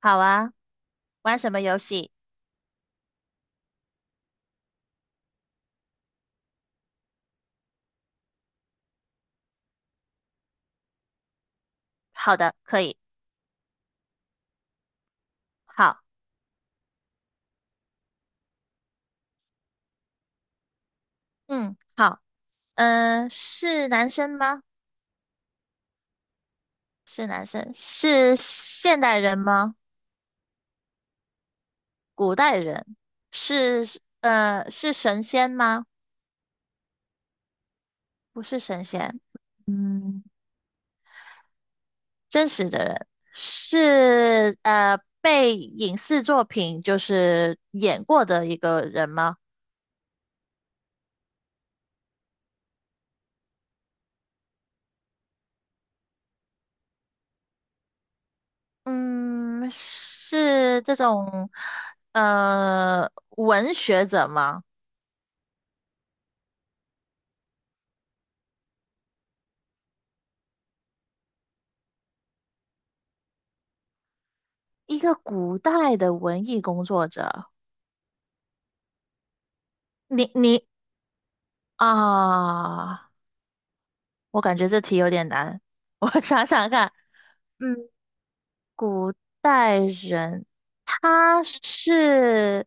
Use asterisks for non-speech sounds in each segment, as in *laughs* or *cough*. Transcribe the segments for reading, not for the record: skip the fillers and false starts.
好啊，玩什么游戏？好的，可以。好，嗯，好，是男生吗？是男生，是现代人吗？古代人，是是神仙吗？不是神仙，嗯，真实的人。是被影视作品就是演过的一个人吗？嗯，是这种文学者吗？一个古代的文艺工作者。你你啊，我感觉这题有点难。*laughs* 我想想看，嗯，古代人，他是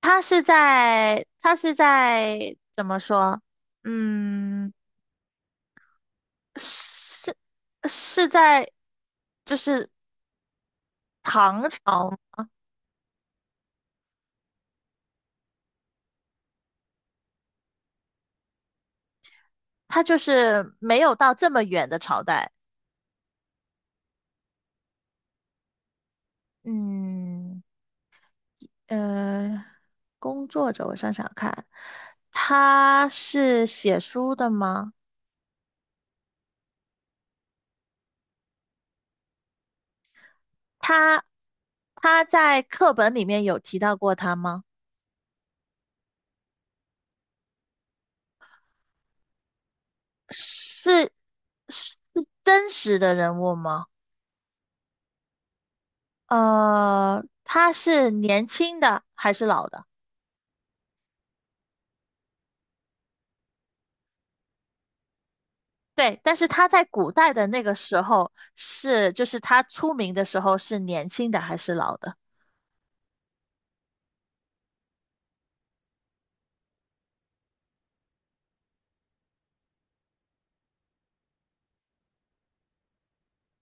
他是在怎么说？嗯，是是在就是唐朝。他就是没有到这么远的朝代，嗯。呃，工作者，我想想看，他是写书的吗？他他在课本里面有提到过他吗？是是真实的人物吗？呃，他是年轻的还是老的？对，但是他在古代的那个时候是，就是他出名的时候是年轻的还是老的？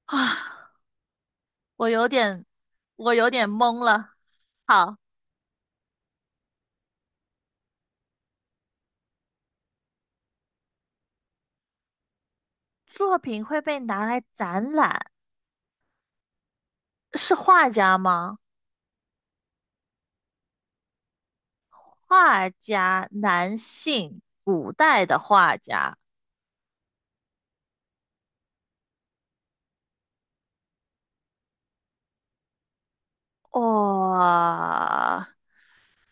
啊，我有点，我有点懵了。好。作品会被拿来展览，是画家吗？画家，男性，古代的画家，哇、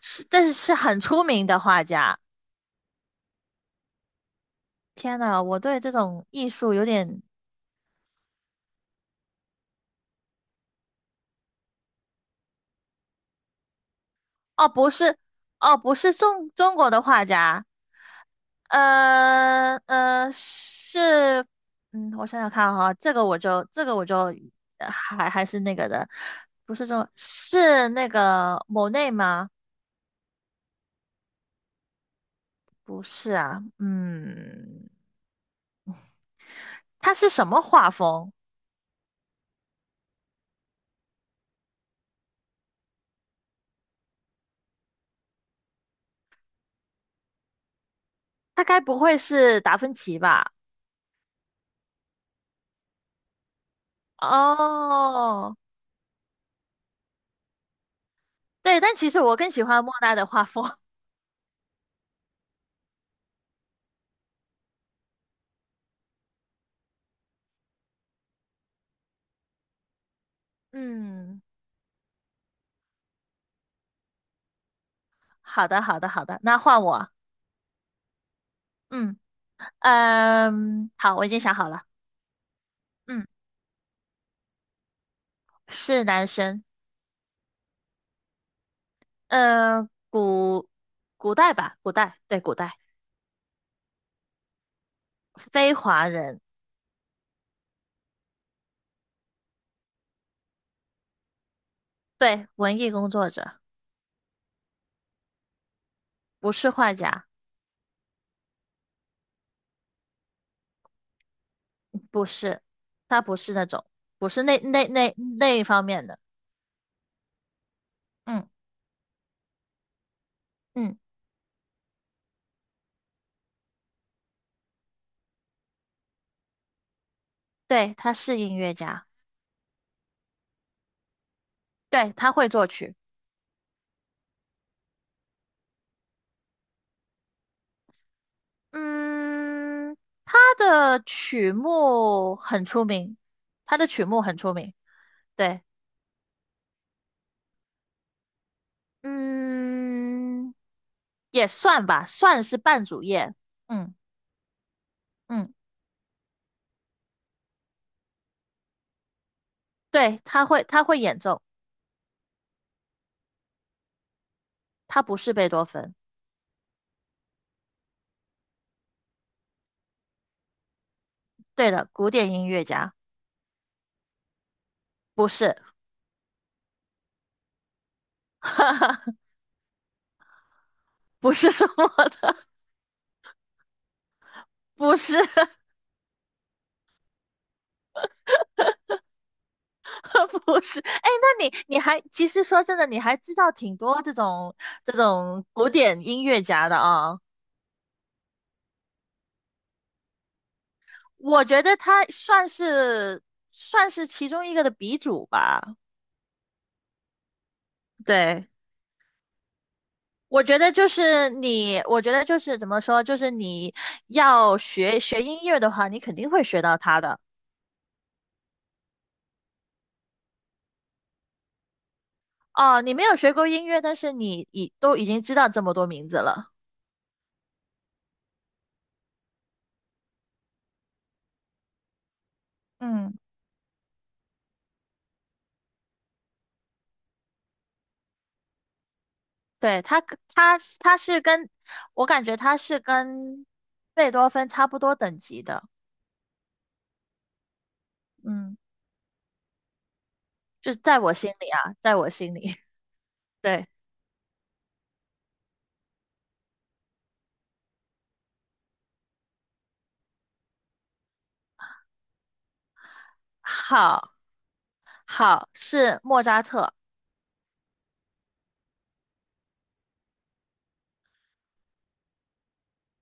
是，但是是很出名的画家。天呐，我对这种艺术有点。哦，不是。哦，不是中国的画家。是，嗯，我想想看哈，这个我就这个我就呃还还是那个的。不是中，是那个莫内吗？不是啊，嗯，他是什么画风？他该不会是达芬奇吧？哦，对，但其实我更喜欢莫奈的画风。*laughs* 嗯，好的，那换我。嗯。嗯，好，我已经想好了，嗯，是男生，嗯，古代吧，古代，对，古代，非华人，对，文艺工作者，不是画家，不是，他不是那种，不是那一方面的，嗯嗯，对，他是音乐家，对，他会作曲，嗯，他的曲目很出名，他的曲目很出名，对。嗯，也算吧，算是半主业。嗯嗯，对，他会演奏，他不是贝多芬。对的，古典音乐家不是，*laughs* 不是说我的，不是。 *laughs* 不是。哎，那你还其实说真的，你还知道挺多这种古典音乐家的啊。我觉得他算是算是其中一个的鼻祖吧。对，我觉得就是怎么说，就是你要学音乐的话，你肯定会学到它的。哦，你没有学过音乐，但是都已经知道这么多名字了。嗯，对，它是跟，我感觉它是跟贝多芬差不多等级的。嗯，在我心里。*laughs* 对，好，好，是莫扎特。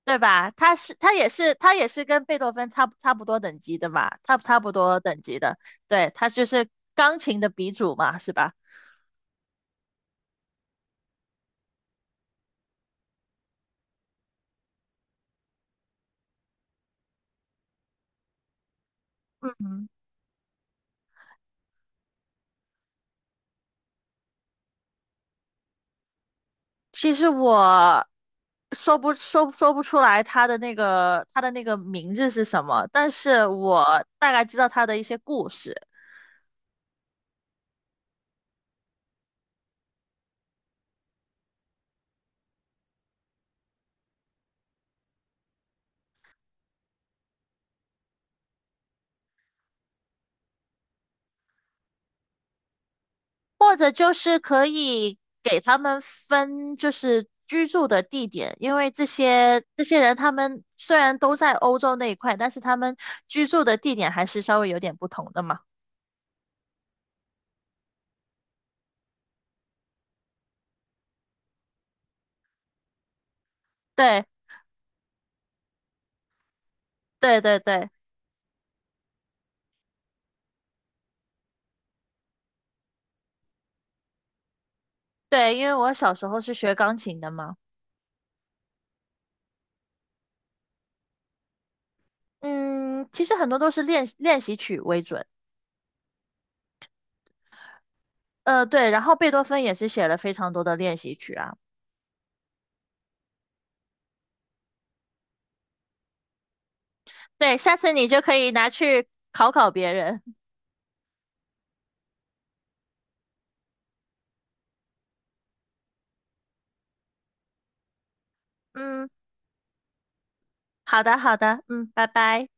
对吧？他是他也是他也是跟贝多芬差不多等级的嘛，差不多等级的，对，他就是钢琴的鼻祖嘛，是吧？嗯，其实我说不出来他的那个名字是什么，但是我大概知道他的一些故事。或者就是可以给他们分，就是居住的地点，因为这些人他们虽然都在欧洲那一块，但是他们居住的地点还是稍微有点不同的嘛。对对对对，因为我小时候是学钢琴的嘛。嗯，其实很多都是练习曲为准，呃，对，然后贝多芬也是写了非常多的练习曲啊。对，下次你就可以拿去考考别人。嗯，好的好的，嗯，拜拜。